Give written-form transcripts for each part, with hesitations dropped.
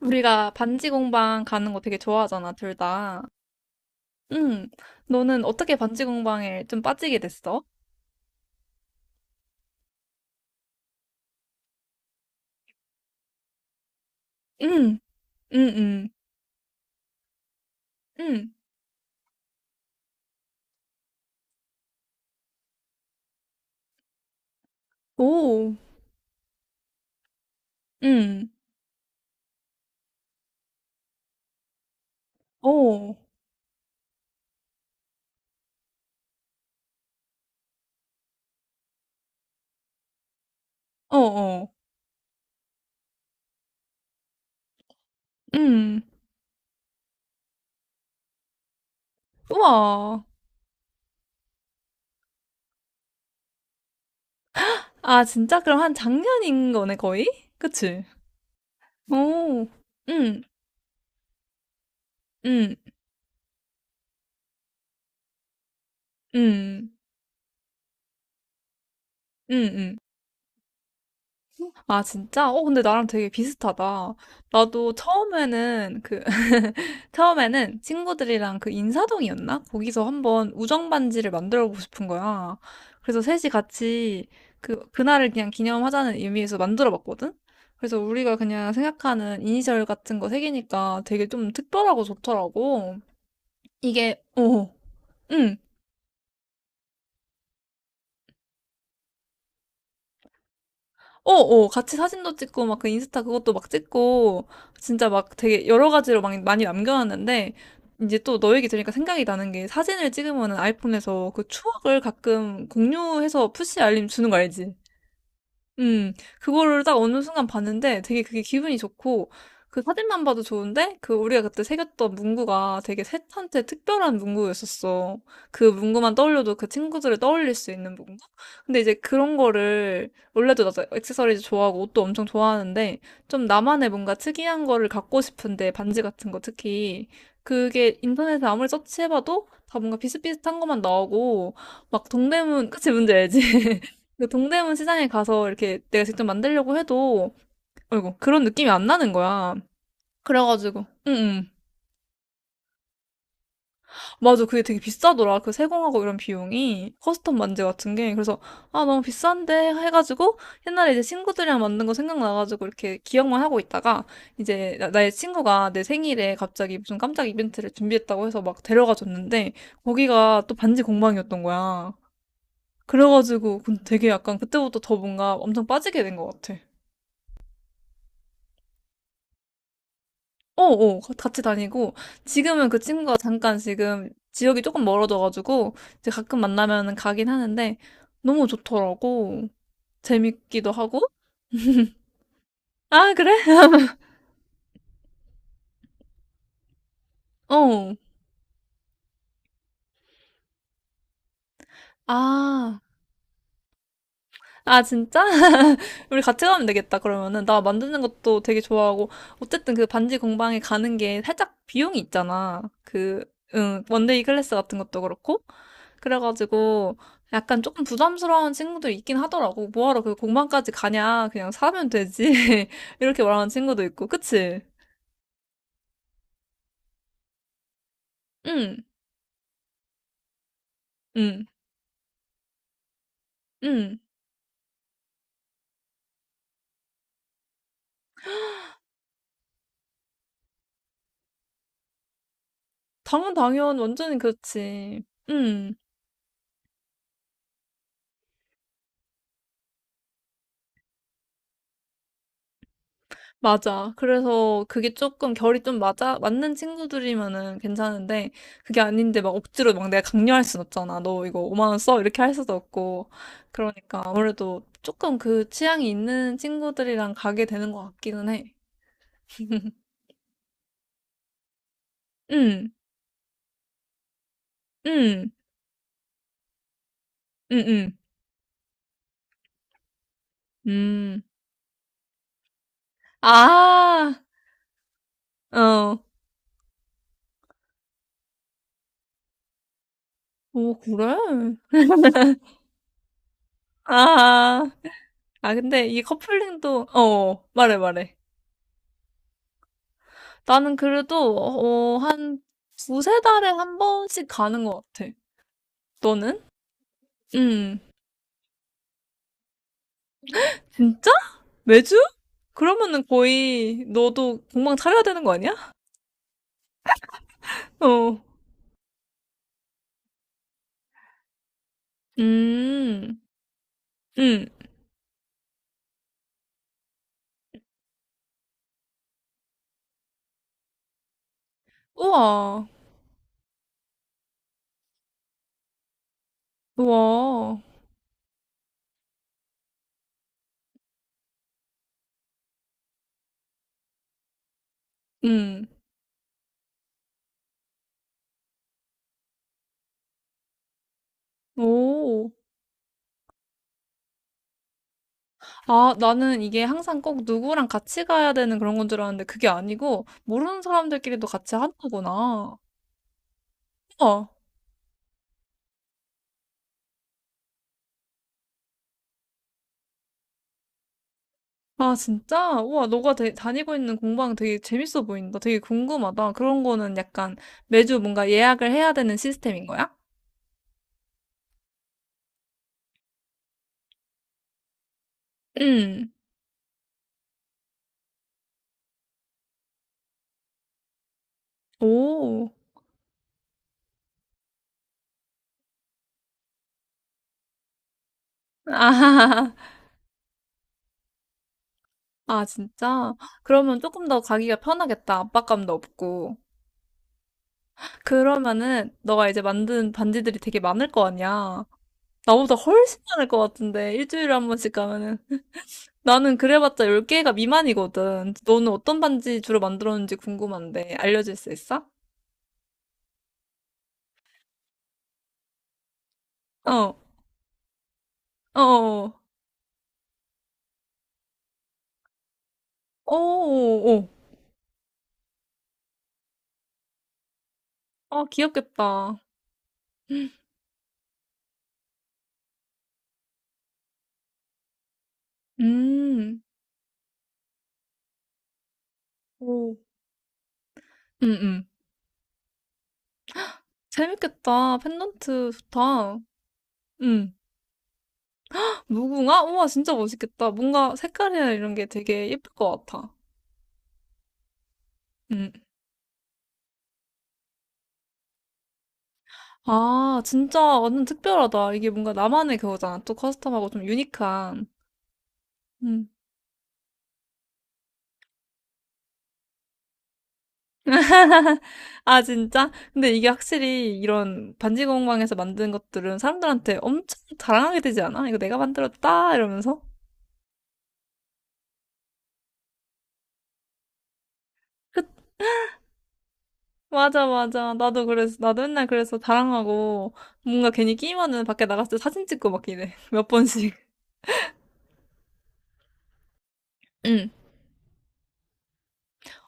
우리가 반지 공방 가는 거 되게 좋아하잖아, 둘 다. 응. 너는 어떻게 반지 공방에 좀 빠지게 됐어? 응, 응, 응, 응. 오, 응, 오, 어, 어, 응. 우와. 아, 진짜? 그럼 한 작년인 거네, 거의? 그치? 오, 응, 응, 응, 응, 응. 아, 진짜? 근데 나랑 되게 비슷하다. 나도 처음에는 처음에는 친구들이랑 그 인사동이었나? 거기서 한번 우정 반지를 만들어 보고 싶은 거야. 그래서 셋이 같이 그날을 그냥 기념하자는 의미에서 만들어 봤거든? 그래서 우리가 그냥 생각하는 이니셜 같은 거 새기니까 되게 좀 특별하고 좋더라고. 이게, 어, 응. 어, 어, 같이 사진도 찍고, 막 그 인스타 그것도 막 찍고, 진짜 막 되게 여러 가지로 막 많이 남겨놨는데, 이제 또 너 얘기 들으니까 생각이 나는 게 사진을 찍으면 아이폰에서 그 추억을 가끔 공유해서 푸시 알림 주는 거 알지? 음, 그거를 딱 어느 순간 봤는데 되게 그게 기분이 좋고, 그 사진만 봐도 좋은데, 그 우리가 그때 새겼던 문구가 되게 셋한테 특별한 문구였었어. 그 문구만 떠올려도 그 친구들을 떠올릴 수 있는 문구? 근데 이제 그런 거를, 원래도 나도 액세서리즈 좋아하고 옷도 엄청 좋아하는데, 좀 나만의 뭔가 특이한 거를 갖고 싶은데, 반지 같은 거 특히. 그게 인터넷에 아무리 서치해봐도 다 뭔가 비슷비슷한 것만 나오고, 막 동대문, 그치, 뭔지 알지? 그 동대문 시장에 가서 이렇게 내가 직접 만들려고 해도, 아이고, 그런 느낌이 안 나는 거야. 그래가지고, 응, 응. 맞아. 그게 되게 비싸더라. 그 세공하고 이런 비용이. 커스텀 만재 같은 게. 그래서, 아, 너무 비싼데? 해가지고, 옛날에 이제 친구들이랑 만든 거 생각나가지고, 이렇게 기억만 하고 있다가, 이제 나의 친구가 내 생일에 갑자기 무슨 깜짝 이벤트를 준비했다고 해서 막 데려가 줬는데, 거기가 또 반지 공방이었던 거야. 그래가지고, 그 되게 약간 그때부터 더 뭔가 엄청 빠지게 된 것 같아. 어, 어, 같이 다니고, 지금은 그 친구가 잠깐 지금 지역이 조금 멀어져가지고, 이제 가끔 만나면은 가긴 하는데, 너무 좋더라고. 재밌기도 하고. 아, 그래? 어. 아. 아, 진짜? 우리 같이 가면 되겠다, 그러면은. 나 만드는 것도 되게 좋아하고. 어쨌든 그 반지 공방에 가는 게 살짝 비용이 있잖아. 그, 응, 원데이 클래스 같은 것도 그렇고. 그래가지고 약간 조금 부담스러운 친구들 있긴 하더라고. 뭐하러 그 공방까지 가냐. 그냥 사면 되지. 이렇게 말하는 친구도 있고. 그치? 응, 응, 응. 당연, 당연. 완전히 그렇지. 응. 맞아. 그래서 그게 조금 결이 좀 맞는 친구들이면은 괜찮은데, 그게 아닌데 막 억지로 막 내가 강요할 순 없잖아. 너 이거 5만 원 써? 이렇게 할 수도 없고. 그러니까 아무래도 조금 그 취향이 있는 친구들이랑 가게 되는 것 같기는 해. 응, 응, 응, 응, 음. 아, 어. 오, 그래? 아, 근데 이 커플링도, 어, 말해, 말해. 나는 그래도, 어, 한 두세 달에 한 번씩 가는 것 같아. 너는? 응. 진짜? 매주? 그러면은 거의 너도 공방 차려야 되는 거 아니야? 어. 음. 응. 우와. 우와. 응. 오. 아, 나는 이게 항상 꼭 누구랑 같이 가야 되는 그런 건 줄 알았는데 그게 아니고 모르는 사람들끼리도 같이 하는 거구나. 우와. 아, 진짜? 우와, 너가 대- 다니고 있는 공방 되게 재밌어 보인다. 되게 궁금하다. 그런 거는 약간 매주 뭔가 예약을 해야 되는 시스템인 거야? 응. 오. 아, 아, 진짜? 그러면 조금 더 가기가 편하겠다. 압박감도 없고. 그러면은 너가 이제 만든 반지들이 되게 많을 거 아니야. 나보다 훨씬 많을 것 같은데. 일주일에 한 번씩 가면은. 나는 그래봤자 10개가 미만이거든. 너는 어떤 반지 주로 만들었는지 궁금한데 알려줄 수 있어? 어. 어어. 어어 어. 어어 아 귀엽겠다. 음. 오. 음음. 재밌겠다. 펜던트 좋다. 음. 무궁화? 우와 진짜 멋있겠다. 뭔가 색깔이나 이런 게 되게 예쁠 것 같아. 음. 아 진짜 완전 특별하다. 이게 뭔가 나만의 그거잖아. 또 커스텀하고 좀 유니크한. 음. 아 진짜? 근데 이게 확실히 이런 반지 공방에서 만든 것들은 사람들한테 엄청 자랑하게 되지 않아? 이거 내가 만들었다 이러면서? 맞아, 맞아. 나도 그래서, 나도 맨날 그래서 자랑하고, 뭔가 괜히 끼면은 밖에 나갔을 때 사진 찍고 막 이래. 몇 번씩. 응.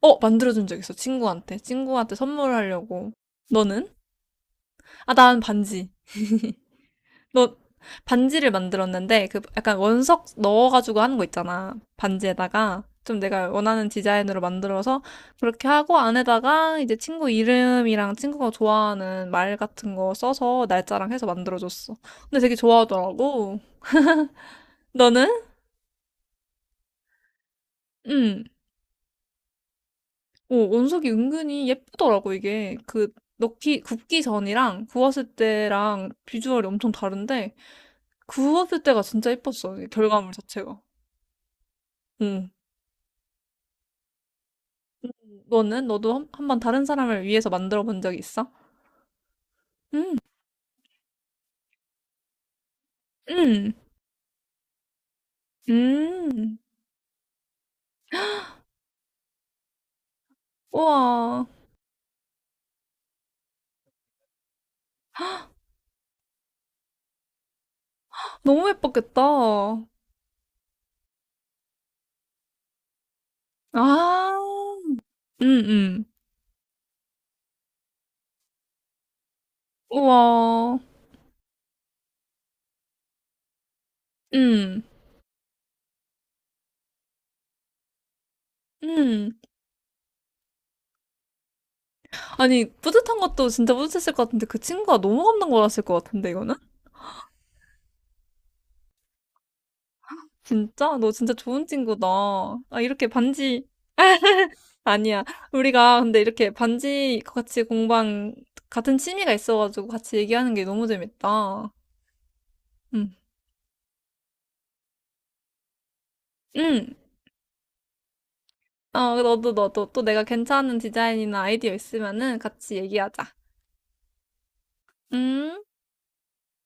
어, 만들어준 적 있어. 친구한테. 친구한테 선물하려고. 너는? 아, 난 반지. 너, 반지를 만들었는데, 그, 약간 원석 넣어가지고 하는 거 있잖아. 반지에다가. 좀 내가 원하는 디자인으로 만들어서, 그렇게 하고, 안에다가 이제 친구 이름이랑 친구가 좋아하는 말 같은 거 써서 날짜랑 해서 만들어줬어. 근데 되게 좋아하더라고. 너는? 응. 어, 원석이 은근히 예쁘더라고, 이게. 그, 굽기 전이랑 구웠을 때랑 비주얼이 엄청 다른데, 구웠을 때가 진짜 예뻤어, 이 결과물 자체가. 응. 너는? 너도 한번 다른 사람을 위해서 만들어 본 적이 있어? 응, 응, 응. 우와, 너무 예뻤겠다. 아, 응, 응. 우와, 응, 응. 아니, 뿌듯한 것도 진짜 뿌듯했을 것 같은데, 그 친구가 너무 감동 받았을 것 같은데, 이거는? 진짜? 너 진짜 좋은 친구다. 아, 이렇게 반지, 아니야. 우리가 근데 이렇게 반지 같이 공방, 같은 취미가 있어가지고 같이 얘기하는 게 너무 재밌다. 응. 응. 어, 너도, 너도. 또 내가 괜찮은 디자인이나 아이디어 있으면은 같이 얘기하자. 음.